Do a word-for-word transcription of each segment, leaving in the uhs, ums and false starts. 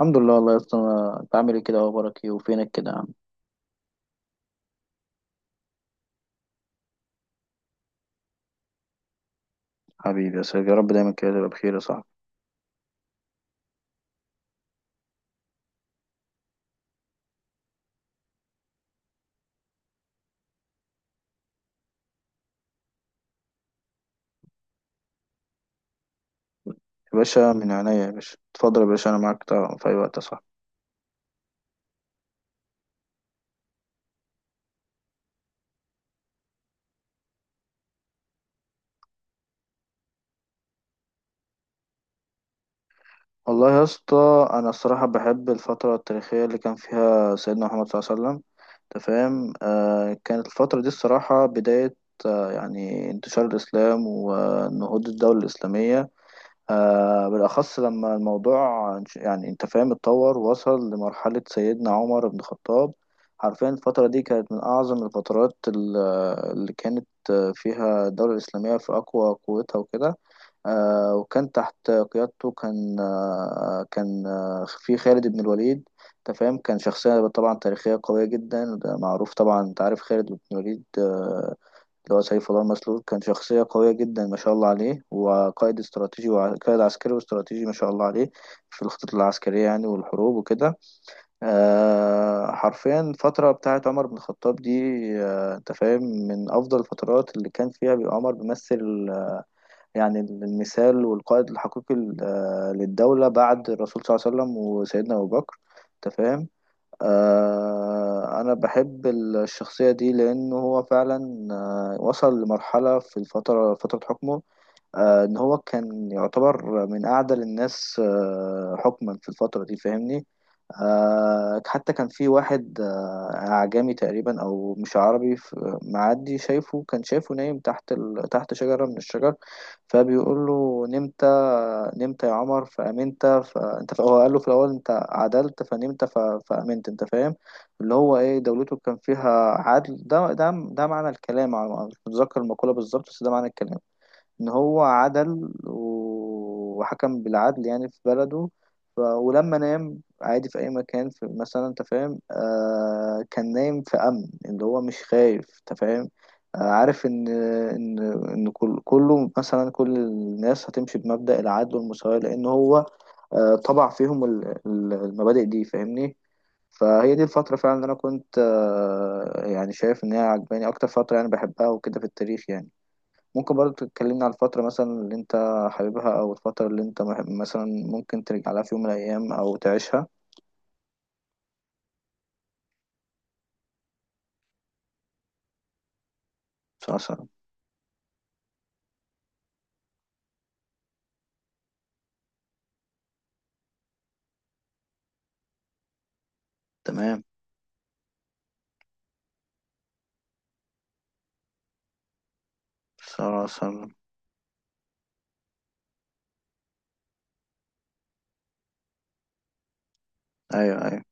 الحمد لله والله يا اسطى، أنا- انت عامل ايه كده؟ اخبارك ايه وفينك كده يا عم؟ حبيبي يا سيدي، يا رب دايما كده تبقى بخير يا صاحبي. يا باشا، من عينيا يا باشا، اتفضل يا باشا، انا معاك طبعا في اي وقت يا صاحبي. والله يا اسطى، انا الصراحه بحب الفتره التاريخيه اللي كان فيها سيدنا محمد صلى الله عليه وسلم. انت فاهم. آه كانت الفتره دي الصراحه بدايه، آه يعني انتشار الاسلام ونهوض الدوله الاسلاميه. آه بالأخص لما الموضوع انش- يعني أنت فاهم، اتطور ووصل لمرحلة سيدنا عمر بن الخطاب. حرفيا الفترة دي كانت من أعظم الفترات ال- اللي كانت فيها الدولة الإسلامية في أقوى قوتها وكده. آه وكان تحت قيادته، كان آه كان آه في خالد بن الوليد. أنت فاهم، كان شخصية طبعا تاريخية قوية جدا، ده معروف طبعا. أنت عارف خالد بن الوليد، آه، اللي هو سيف الله المسلول، كان شخصية قوية جدا ما شاء الله عليه، وقائد استراتيجي وقائد عسكري واستراتيجي ما شاء الله عليه في الخطط العسكرية يعني، والحروب وكده. آه حرفيا الفترة بتاعت عمر بن الخطاب دي، آه انت فاهم، من أفضل الفترات اللي كان فيها بيبقى عمر بيمثل آه، يعني المثال والقائد الحقيقي، آه، للدولة بعد الرسول صلى الله عليه وسلم وسيدنا أبو بكر. انت فاهم. آه، أنا بحب الشخصية دي لأنه هو فعلا آه، وصل لمرحلة في الفترة فترة حكمه، آه، ان هو كان يعتبر من اعدل الناس آه، حكما في الفترة دي، فاهمني. آه، حتى كان في واحد آه، اعجمي تقريبا او مش عربي، ف- معدي شايفه، كان شايفه نايم تحت ال... تحت شجرة من الشجر، فبيقول له: نمت نمت يا عمر فأمنت. فانت ف... هو قال له في الاول: انت عدلت فنمت ف... فأمنت. انت فاهم، اللي هو ايه، دولته كان فيها عدل. ده ده ده معنى الكلام، أنا مش متذكر المقولة بالظبط بس ده معنى الكلام، ان هو عدل و- وحكم بالعدل يعني في بلده. ف... ولما نام عادي في اي مكان في مثلا، انت فاهم، آه كان نايم في امن، اللي هو مش خايف، انت فاهم. آه عارف ان ان ان كل كله مثلا، كل الناس هتمشي بمبدأ العدل والمساواة، لان هو آه طبع فيهم ال- ال- المبادئ دي، فاهمني. فهي دي الفترة فعلا اللي أنا كنت آه، يعني شايف إن هي عجباني أكتر فترة يعني بحبها وكده في التاريخ يعني. ممكن برضه تتكلمنا على الفترة مثلا اللي انت حاببها، او الفترة اللي انت مح- مثلا ممكن ترجع لها في يوم من الايام او تعيشها؟ سلام. تمام. سلام. ايوه، ايوه.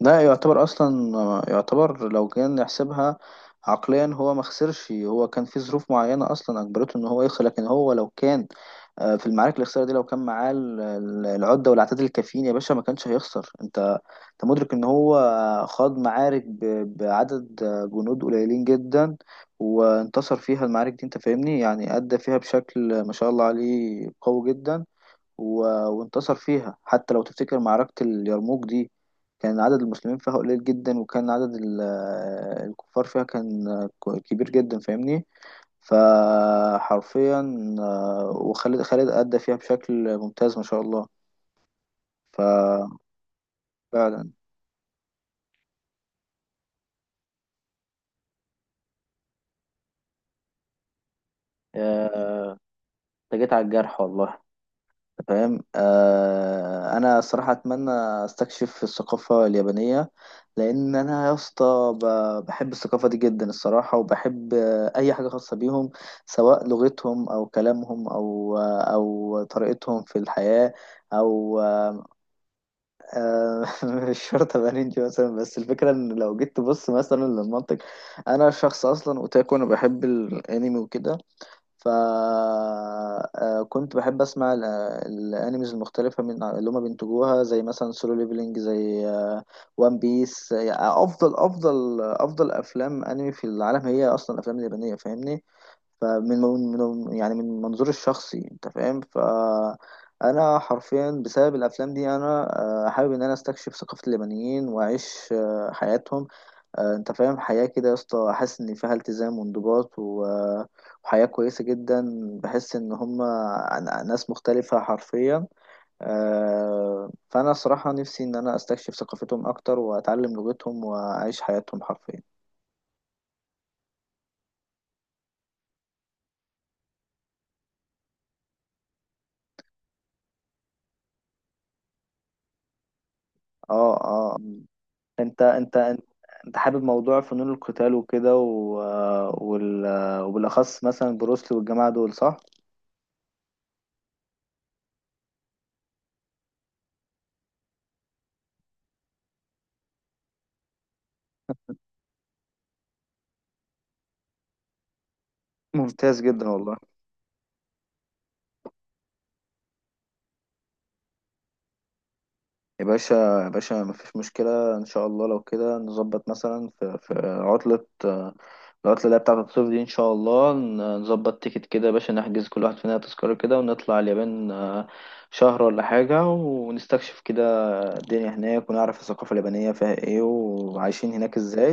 لا يعتبر اصلا، يعتبر لو كان نحسبها عقليا، هو ما خسرش. هو كان في ظروف معينة اصلا اجبرته ان هو يخسر، لكن هو لو كان آه، في المعارك اللي خسرها دي لو كان معاه ال- ال- العدة والعتاد الكافيين يا باشا، ما كانش هيخسر. انت انت مدرك ان هو خاض معارك ب- بعدد جنود قليلين جدا، وانتصر فيها. المعارك دي انت فاهمني، يعني ادى فيها بشكل ما شاء الله عليه قوي جدا. و... وانتصر فيها. حتى لو تفتكر معركة اليرموك دي، كان عدد المسلمين فيها قليل جدا وكان عدد ال- الكفار فيها كان كبير جدا، فاهمني. فحرفيا، آه، وخالد، خالد أدى فيها بشكل ممتاز ما شاء الله. ففعلا، آه، انت جيت على الجرح والله، فاهم. آه انا الصراحه اتمنى استكشف الثقافه اليابانيه، لان انا يا اسطى ب- بحب الثقافه دي جدا الصراحه، وبحب آه، اي حاجه خاصه بيهم، سواء لغتهم او كلامهم او آه، او طريقتهم في الحياه او آه، آه، مش شرط ابقى نينجا مثلا، بس الفكره ان لو جيت تبص مثلا للمنطق، انا شخص اصلا اوتاكو، انا بحب الانمي وكده. فكنت بحب اسمع ال- الانيميز المختلفه من اللي هما بينتجوها، زي مثلا سولو ليفلينج، زي وان بيس. افضل افضل افضل افلام انمي في العالم هي اصلا الافلام اليابانيه، فاهمني. فمن من من- يعني من منظوري الشخصي، انت فاهم، فانا حرفيا بسبب الافلام دي انا آه، حابب ان انا استكشف ثقافه اليابانيين واعيش آه، حياتهم. آه، انت فاهم، حياة كده يا اسطى، حاسس ان فيها التزام وانضباط و... آه، حياة كويسة جدا. بحس إن هما ن- ناس مختلفة حرفيا. آه، فأنا صراحة نفسي إن أنا أستكشف ثقافتهم أكتر وأتعلم لغتهم وأعيش حياتهم حرفيا. اه، اه. انت انت انت أنت حابب موضوع فنون القتال وكده و... وال... وبالأخص مثلا بروسلي والجماعة دول، صح؟ ممتاز جدا والله. يا باشا، يا باشا، مفيش مشكلة إن شاء الله، لو كده نظبط مثلا في, في عطلة، آه، العطلة اللي هي بتاعة الصيف دي، إن شاء الله ن- نظبط تيكت كده يا باشا، نحجز كل واحد فينا تذكرة كده ونطلع اليابان آه، شهر ولا حاجة، ونستكشف كده الدنيا هناك، ونعرف الثقافة اليابانية فيها إيه وعايشين هناك إزاي.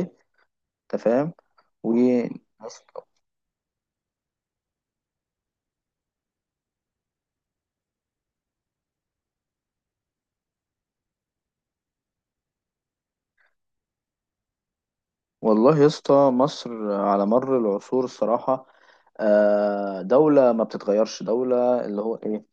أنت فاهم. و والله يا اسطى، مصر على مر العصور الصراحة آه، دولة ما بتتغيرش، دولة اللي هو إيه،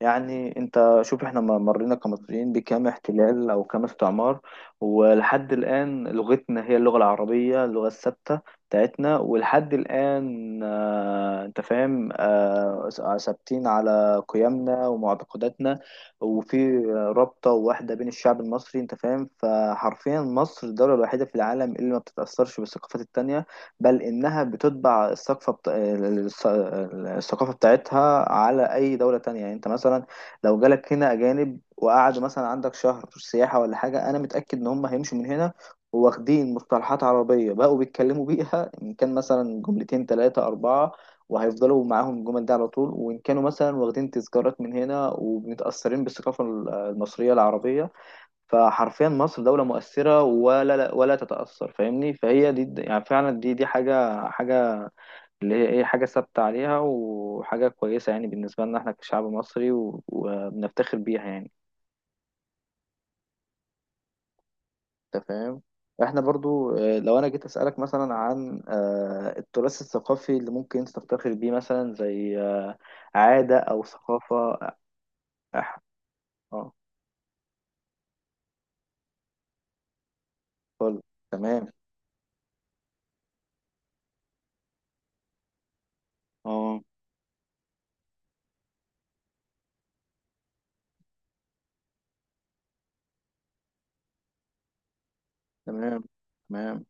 يعني انت شوف، احنا م- مرينا كمصريين بكام احتلال او كام استعمار، ولحد الان لغتنا هي اللغة العربية، اللغة الثابتة بتاعتنا، ولحد الان آه انت فاهم، آه س- ثابتين على قيمنا ومعتقداتنا، وفي رابطة واحدة بين الشعب المصري، انت فاهم. فحرفيا مصر الدولة الوحيدة في العالم اللي ما بتتأثرش بالثقافات التانية، بل إنها بتطبع الثقافة بت... الس- الثقافة بتاعتها على أي دولة تانية، يعني أنت مثلا لو جالك هنا أجانب وقعدوا مثلا عندك شهر سياحة ولا حاجة، أنا متأكد إن هم هيمشوا من هنا واخدين مصطلحات عربية بقوا بيتكلموا بيها، إن كان مثلا جملتين تلاتة أربعة، وهيفضلوا معاهم الجمل دي على طول، وإن كانوا مثلا واخدين تذكارات من هنا ومتأثرين بالثقافة المصرية العربية. فحرفيا مصر دولة مؤثرة، ولا لا- ولا تتأثر، فاهمني. فهي دي يعني فعلا دي دي حاجة حاجة اللي هي ايه، حاجة ثابتة عليها وحاجة كويسة يعني بالنسبة لنا احنا كشعب مصري، و- وبنفتخر بيها يعني. انت فاهم. احنا برضو آه، لو انا جيت اسألك مثلا عن آه، التراث الثقافي اللي ممكن انت تفتخر بيه مثلا، زي آه، عادة او ثقافة آه، أح- اه. فل- تمام. اه. تمام، تمام،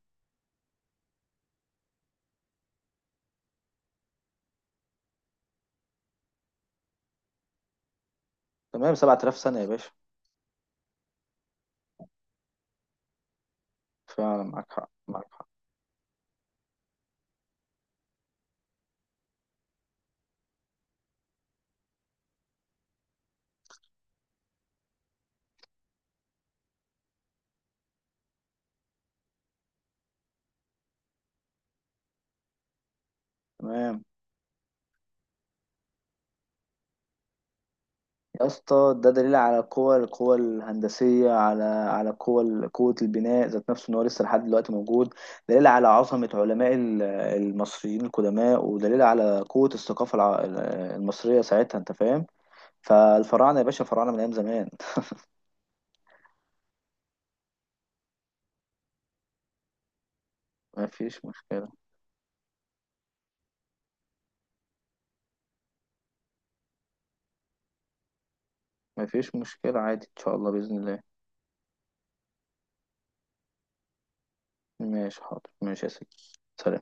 تمام. سبعة آلاف سنة يا باشا. فعلا معاك حق، معاك حق. تمام. يا اسطى، ده دليل على القوة، القوة الهندسية، على على القوة، ال- قوة البناء ذات نفسه، ان هو لسه لحد دلوقتي موجود. دليل على عظمة علماء ال- المصريين القدماء، ودليل على قوة الثقافة الع- المصرية ساعتها، انت فاهم. فالفراعنة يا باشا، فراعنة من ايام زمان. مفيش مشكلة، مفيش مشكلة، عادي ان شاء الله، بإذن الله. ماشي، حاضر، ماشي يا سيدي. سلام.